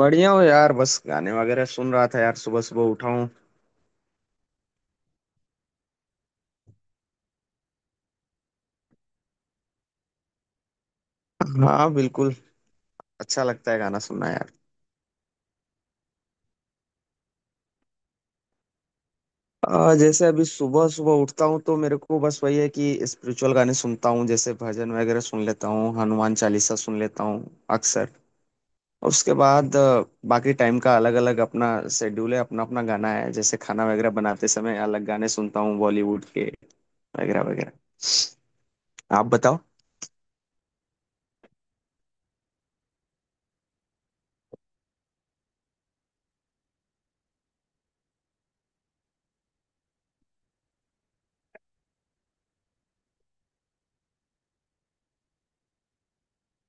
बढ़िया हो यार। बस गाने वगैरह सुन रहा था यार, सुबह सुबह उठा हूँ। हाँ, बिल्कुल। अच्छा लगता है गाना सुनना यार। जैसे अभी सुबह सुबह उठता हूँ तो मेरे को बस वही है कि स्पिरिचुअल गाने सुनता हूँ, जैसे भजन वगैरह सुन लेता हूँ, हनुमान चालीसा सुन लेता हूँ अक्सर। उसके बाद बाकी टाइम का अलग अलग अपना शेड्यूल है, अपना अपना गाना है। जैसे खाना वगैरह बनाते समय अलग गाने सुनता हूँ बॉलीवुड के, वगैरह वगैरह। आप बताओ।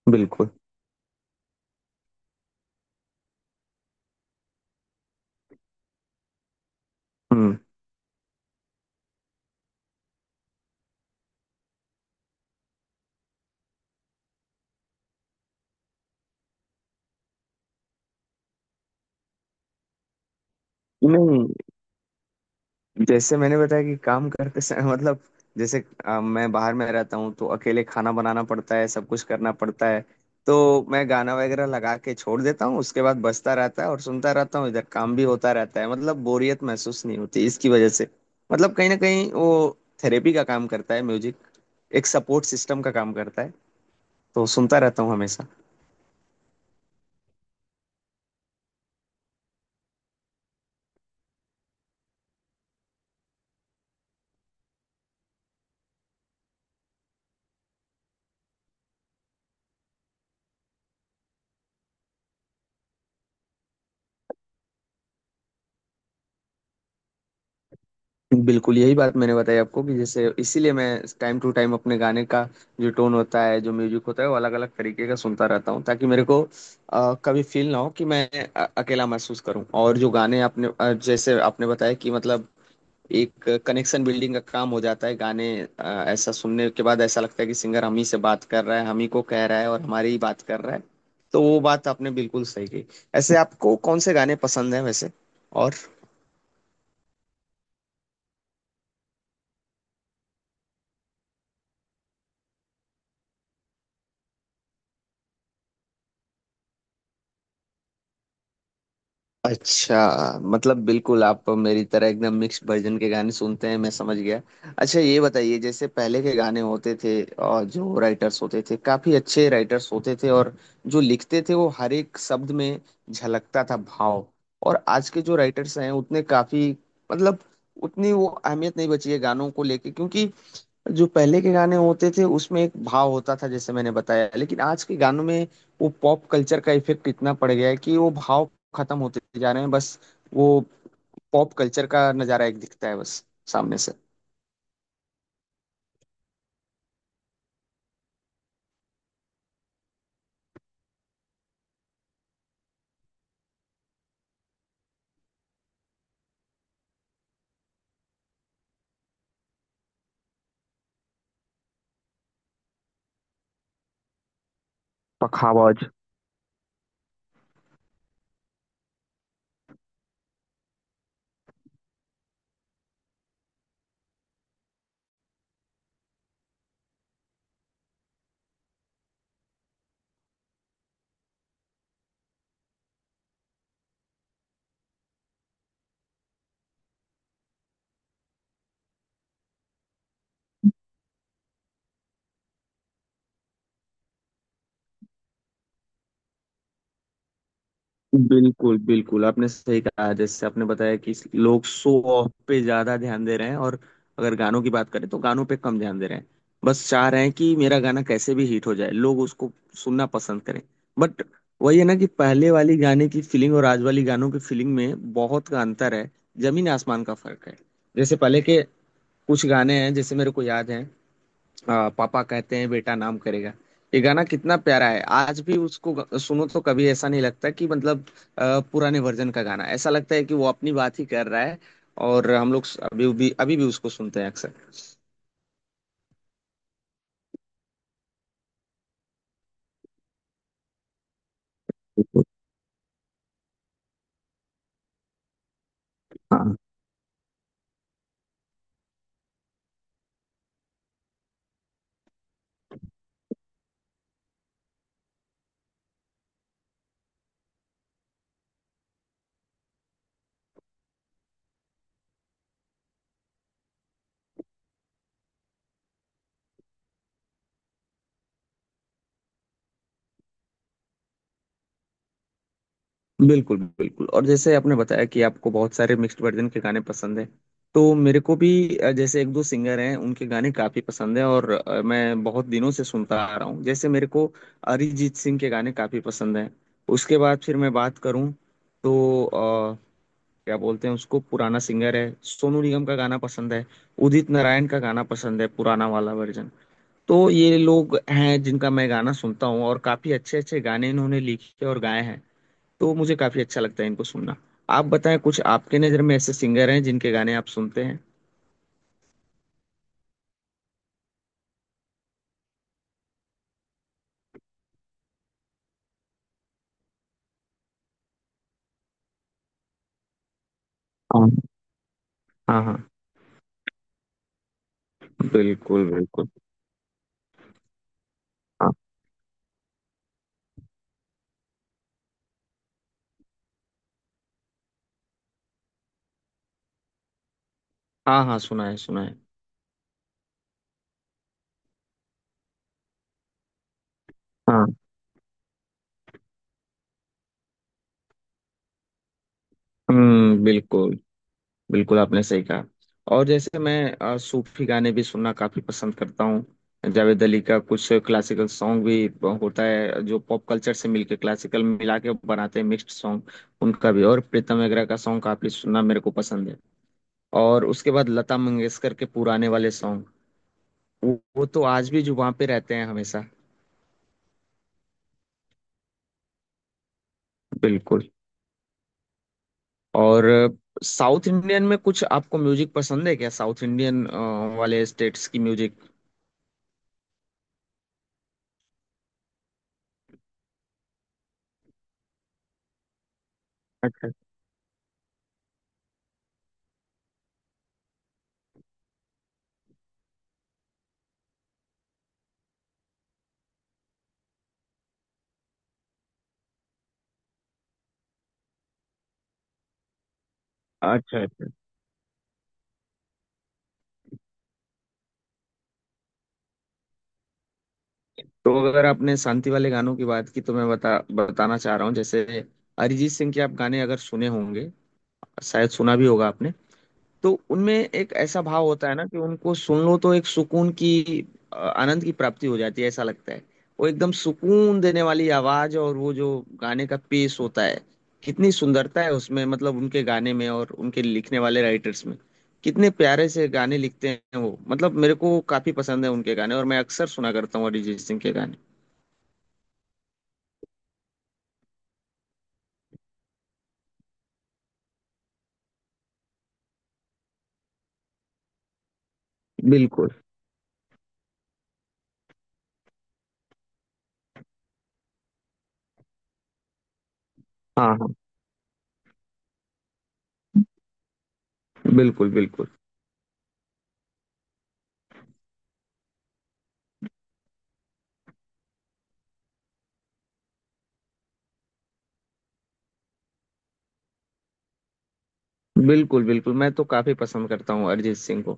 बिल्कुल। हम्म। नहीं, जैसे मैंने बताया कि काम करते समय मतलब जैसे मैं बाहर में रहता हूँ तो अकेले खाना बनाना पड़ता है, सब कुछ करना पड़ता है। तो मैं गाना वगैरह लगा के छोड़ देता हूँ, उसके बाद बजता रहता है और सुनता रहता हूँ, इधर काम भी होता रहता है। मतलब बोरियत महसूस नहीं होती इसकी वजह से। मतलब कहीं ना कहीं वो थेरेपी का काम करता है म्यूजिक, एक सपोर्ट सिस्टम का काम करता है। तो सुनता रहता हूँ हमेशा। बिल्कुल यही बात मैंने बताई आपको कि जैसे इसीलिए मैं टाइम टू टाइम अपने गाने का जो टोन होता है, जो म्यूजिक होता है, वो अलग अलग तरीके का सुनता रहता हूँ, ताकि मेरे को कभी फील ना हो कि मैं अकेला महसूस करूँ। और जो गाने आपने जैसे आपने बताया कि मतलब एक कनेक्शन बिल्डिंग का काम हो जाता है गाने, ऐसा सुनने के बाद ऐसा लगता है कि सिंगर हम ही से बात कर रहा है, हम ही को कह रहा है और हमारी ही बात कर रहा है। तो वो बात आपने बिल्कुल सही कही। ऐसे आपको कौन से गाने पसंद हैं वैसे, और? अच्छा, मतलब बिल्कुल आप मेरी तरह एकदम मिक्स वर्जन के गाने सुनते हैं, मैं समझ गया। अच्छा ये बताइए, जैसे पहले के गाने होते थे और जो राइटर्स होते थे, काफी अच्छे राइटर्स होते थे, और जो लिखते थे वो हर एक शब्द में झलकता था भाव। और आज के जो राइटर्स हैं उतने काफी, मतलब उतनी वो अहमियत नहीं बची है गानों को लेके, क्योंकि जो पहले के गाने होते थे उसमें एक भाव होता था जैसे मैंने बताया, लेकिन आज के गानों में वो पॉप कल्चर का इफेक्ट इतना पड़ गया है कि वो भाव खत्म होते जा रहे हैं। बस वो पॉप कल्चर का नजारा एक दिखता है बस सामने से। पखावाज। बिल्कुल बिल्कुल आपने सही कहा, जैसे आपने बताया कि लोग शो ऑफ पे ज्यादा ध्यान दे रहे हैं, और अगर गानों की बात करें तो गानों पे कम ध्यान दे रहे हैं। बस चाह रहे हैं कि मेरा गाना कैसे भी हिट हो जाए, लोग उसको सुनना पसंद करें। बट वही है ना कि पहले वाली गाने की फीलिंग और आज वाली गानों की फीलिंग में बहुत का अंतर है, जमीन आसमान का फर्क है। जैसे पहले के कुछ गाने हैं जैसे मेरे को याद है, पापा कहते हैं बेटा नाम करेगा, ये गाना कितना प्यारा है। आज भी उसको सुनो तो कभी ऐसा नहीं लगता कि मतलब पुराने वर्जन का गाना ऐसा लगता है कि वो अपनी बात ही कर रहा है। और हम लोग अभी भी उसको सुनते हैं अक्सर। हाँ। बिल्कुल बिल्कुल। और जैसे आपने बताया कि आपको बहुत सारे मिक्स्ड वर्जन के गाने पसंद हैं, तो मेरे को भी जैसे एक दो सिंगर हैं उनके गाने काफी पसंद है, और मैं बहुत दिनों से सुनता आ रहा हूँ, जैसे मेरे को अरिजीत सिंह के गाने काफी पसंद हैं। उसके बाद फिर मैं बात करूँ तो क्या बोलते हैं उसको, पुराना सिंगर है, सोनू निगम का गाना पसंद है, उदित नारायण का गाना पसंद है, पुराना वाला वर्जन। तो ये लोग हैं जिनका मैं गाना सुनता हूँ, और काफी अच्छे अच्छे गाने इन्होंने लिखे और गाए हैं। तो मुझे काफी अच्छा लगता है इनको सुनना। आप बताएं कुछ आपके नजर में ऐसे सिंगर हैं जिनके गाने आप सुनते हैं? हाँ। हाँ हाँ। बिल्कुल बिल्कुल। हाँ। हाँ हाँ सुना है, सुना है। हाँ। बिल्कुल। बिल्कुल आपने सही कहा। और जैसे मैं सूफी गाने भी सुनना काफी पसंद करता हूँ। जावेद अली का कुछ क्लासिकल सॉन्ग भी होता है, जो पॉप कल्चर से मिलके क्लासिकल मिला के बनाते हैं मिक्स्ड सॉन्ग, उनका भी, और प्रीतम वगैरह का सॉन्ग काफी सुनना मेरे को पसंद है। और उसके बाद लता मंगेशकर के पुराने वाले सॉन्ग, वो वो तो आज भी जो वहां पे रहते हैं हमेशा। बिल्कुल। और साउथ इंडियन में कुछ आपको म्यूजिक पसंद है क्या, साउथ इंडियन वाले स्टेट्स की म्यूजिक? अच्छा। अच्छा अच्छा। तो अगर आपने शांति वाले गानों की बात की, तो मैं बता बताना चाह रहा हूँ जैसे अरिजीत सिंह के आप गाने अगर सुने होंगे, शायद सुना भी होगा आपने, तो उनमें एक ऐसा भाव होता है ना कि उनको सुन लो तो एक सुकून की आनंद की प्राप्ति हो जाती है, ऐसा लगता है। वो एकदम सुकून देने वाली आवाज, और वो जो गाने का पेस होता है, कितनी सुंदरता है उसमें, मतलब उनके गाने में और उनके लिखने वाले राइटर्स में। कितने प्यारे से गाने लिखते हैं वो, मतलब मेरे को काफी पसंद है उनके गाने और मैं अक्सर सुना करता हूँ अरिजीत सिंह के गाने। बिल्कुल। हाँ हाँ। बिल्कुल बिल्कुल। बिल्कुल बिल्कुल मैं तो काफी पसंद करता हूँ अरिजीत सिंह को।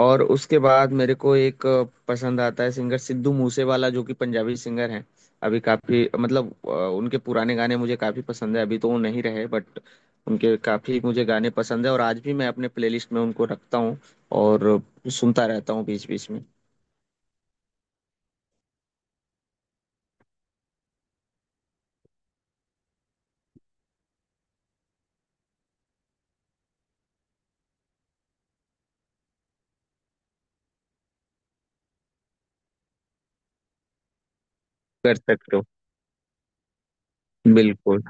और उसके बाद मेरे को एक पसंद आता है सिंगर सिद्धू मूसेवाला, जो कि पंजाबी सिंगर हैं। अभी काफी मतलब उनके पुराने गाने मुझे काफी पसंद है। अभी तो वो नहीं रहे बट उनके काफी मुझे गाने पसंद है, और आज भी मैं अपने प्लेलिस्ट में उनको रखता हूँ और सुनता रहता हूँ बीच बीच में। कर सकते हो। बिल्कुल।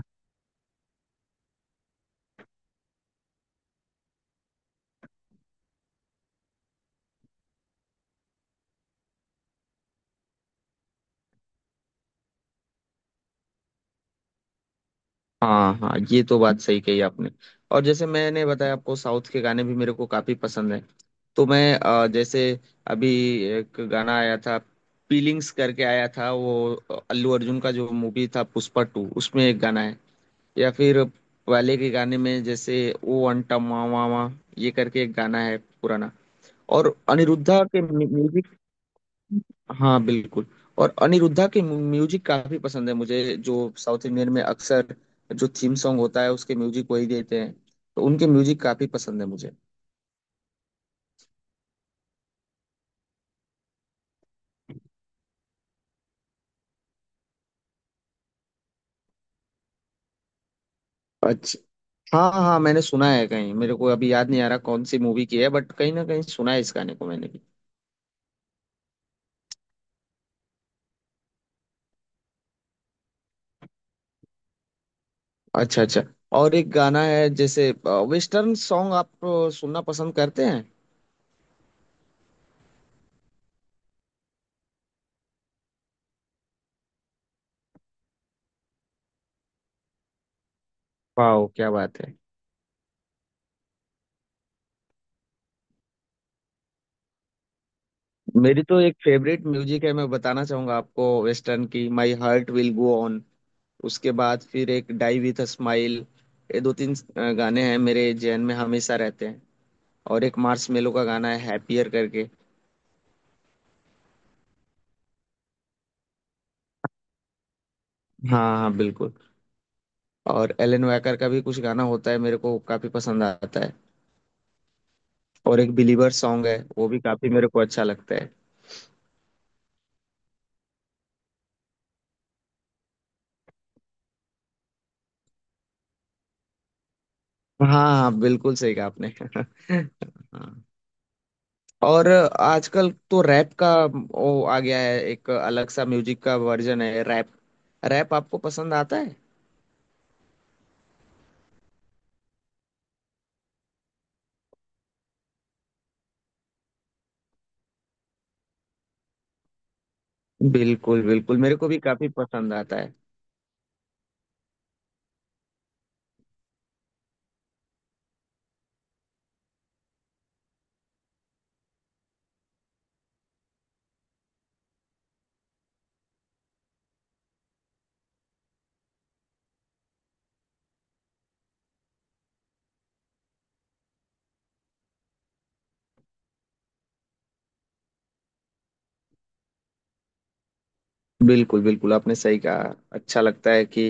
हाँ हाँ, ये तो बात सही कही आपने। और जैसे मैंने बताया आपको, साउथ के गाने भी मेरे को काफी पसंद है। तो मैं जैसे अभी एक गाना आया था, फीलिंग्स करके आया था वो, अल्लू अर्जुन का जो मूवी था पुष्पा टू, उसमें एक गाना है। या फिर पहले के गाने में जैसे ओ अंटा मामा, ये करके एक गाना है पुराना। और अनिरुद्धा के, हाँ बिल्कुल, और अनिरुद्धा के म्यूजिक काफी पसंद है मुझे, जो साउथ इंडियन में अक्सर जो थीम सॉन्ग होता है उसके म्यूजिक वही देते हैं। तो उनके म्यूजिक काफी पसंद है मुझे। अच्छा। हाँ हाँ मैंने सुना है कहीं, मेरे को अभी याद नहीं आ रहा कौन सी मूवी की है, बट कहीं ना कहीं सुना है इस गाने को मैंने भी। अच्छा अच्छा। और एक गाना है जैसे, वेस्टर्न सॉन्ग आप सुनना पसंद करते हैं? वाह क्या बात है। मेरी तो एक फेवरेट म्यूजिक है, मैं बताना चाहूंगा आपको, वेस्टर्न की my heart will go on. उसके बाद फिर एक डाई विथ अ स्माइल। ये दो तीन गाने हैं मेरे जहन में हमेशा रहते हैं। और एक मार्स मेलो का गाना है हैप्पियर करके। हाँ हाँ बिल्कुल। और एलन वैकर का भी कुछ गाना होता है, मेरे को काफी पसंद आता है। और एक बिलीवर सॉन्ग है, वो भी काफी मेरे को अच्छा लगता है। हाँ हाँ बिल्कुल सही कहा आपने। हाँ। और आजकल तो रैप का वो आ गया है, एक अलग सा म्यूजिक का वर्जन है रैप। रैप आपको पसंद आता है? बिल्कुल बिल्कुल, मेरे को भी काफी पसंद आता है। बिल्कुल बिल्कुल आपने सही कहा। अच्छा लगता है कि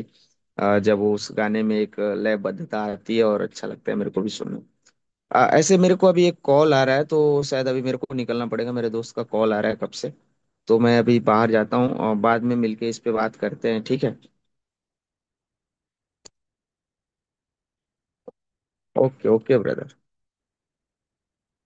जब वो उस गाने में एक लयबद्धता आती है, और अच्छा लगता है मेरे को भी सुनना। ऐसे मेरे को अभी एक कॉल आ रहा है, तो शायद अभी मेरे को निकलना पड़ेगा, मेरे दोस्त का कॉल आ रहा है कब से। तो मैं अभी बाहर जाता हूँ और बाद में मिलके इस पे बात करते हैं, ठीक है? Okay okay brother.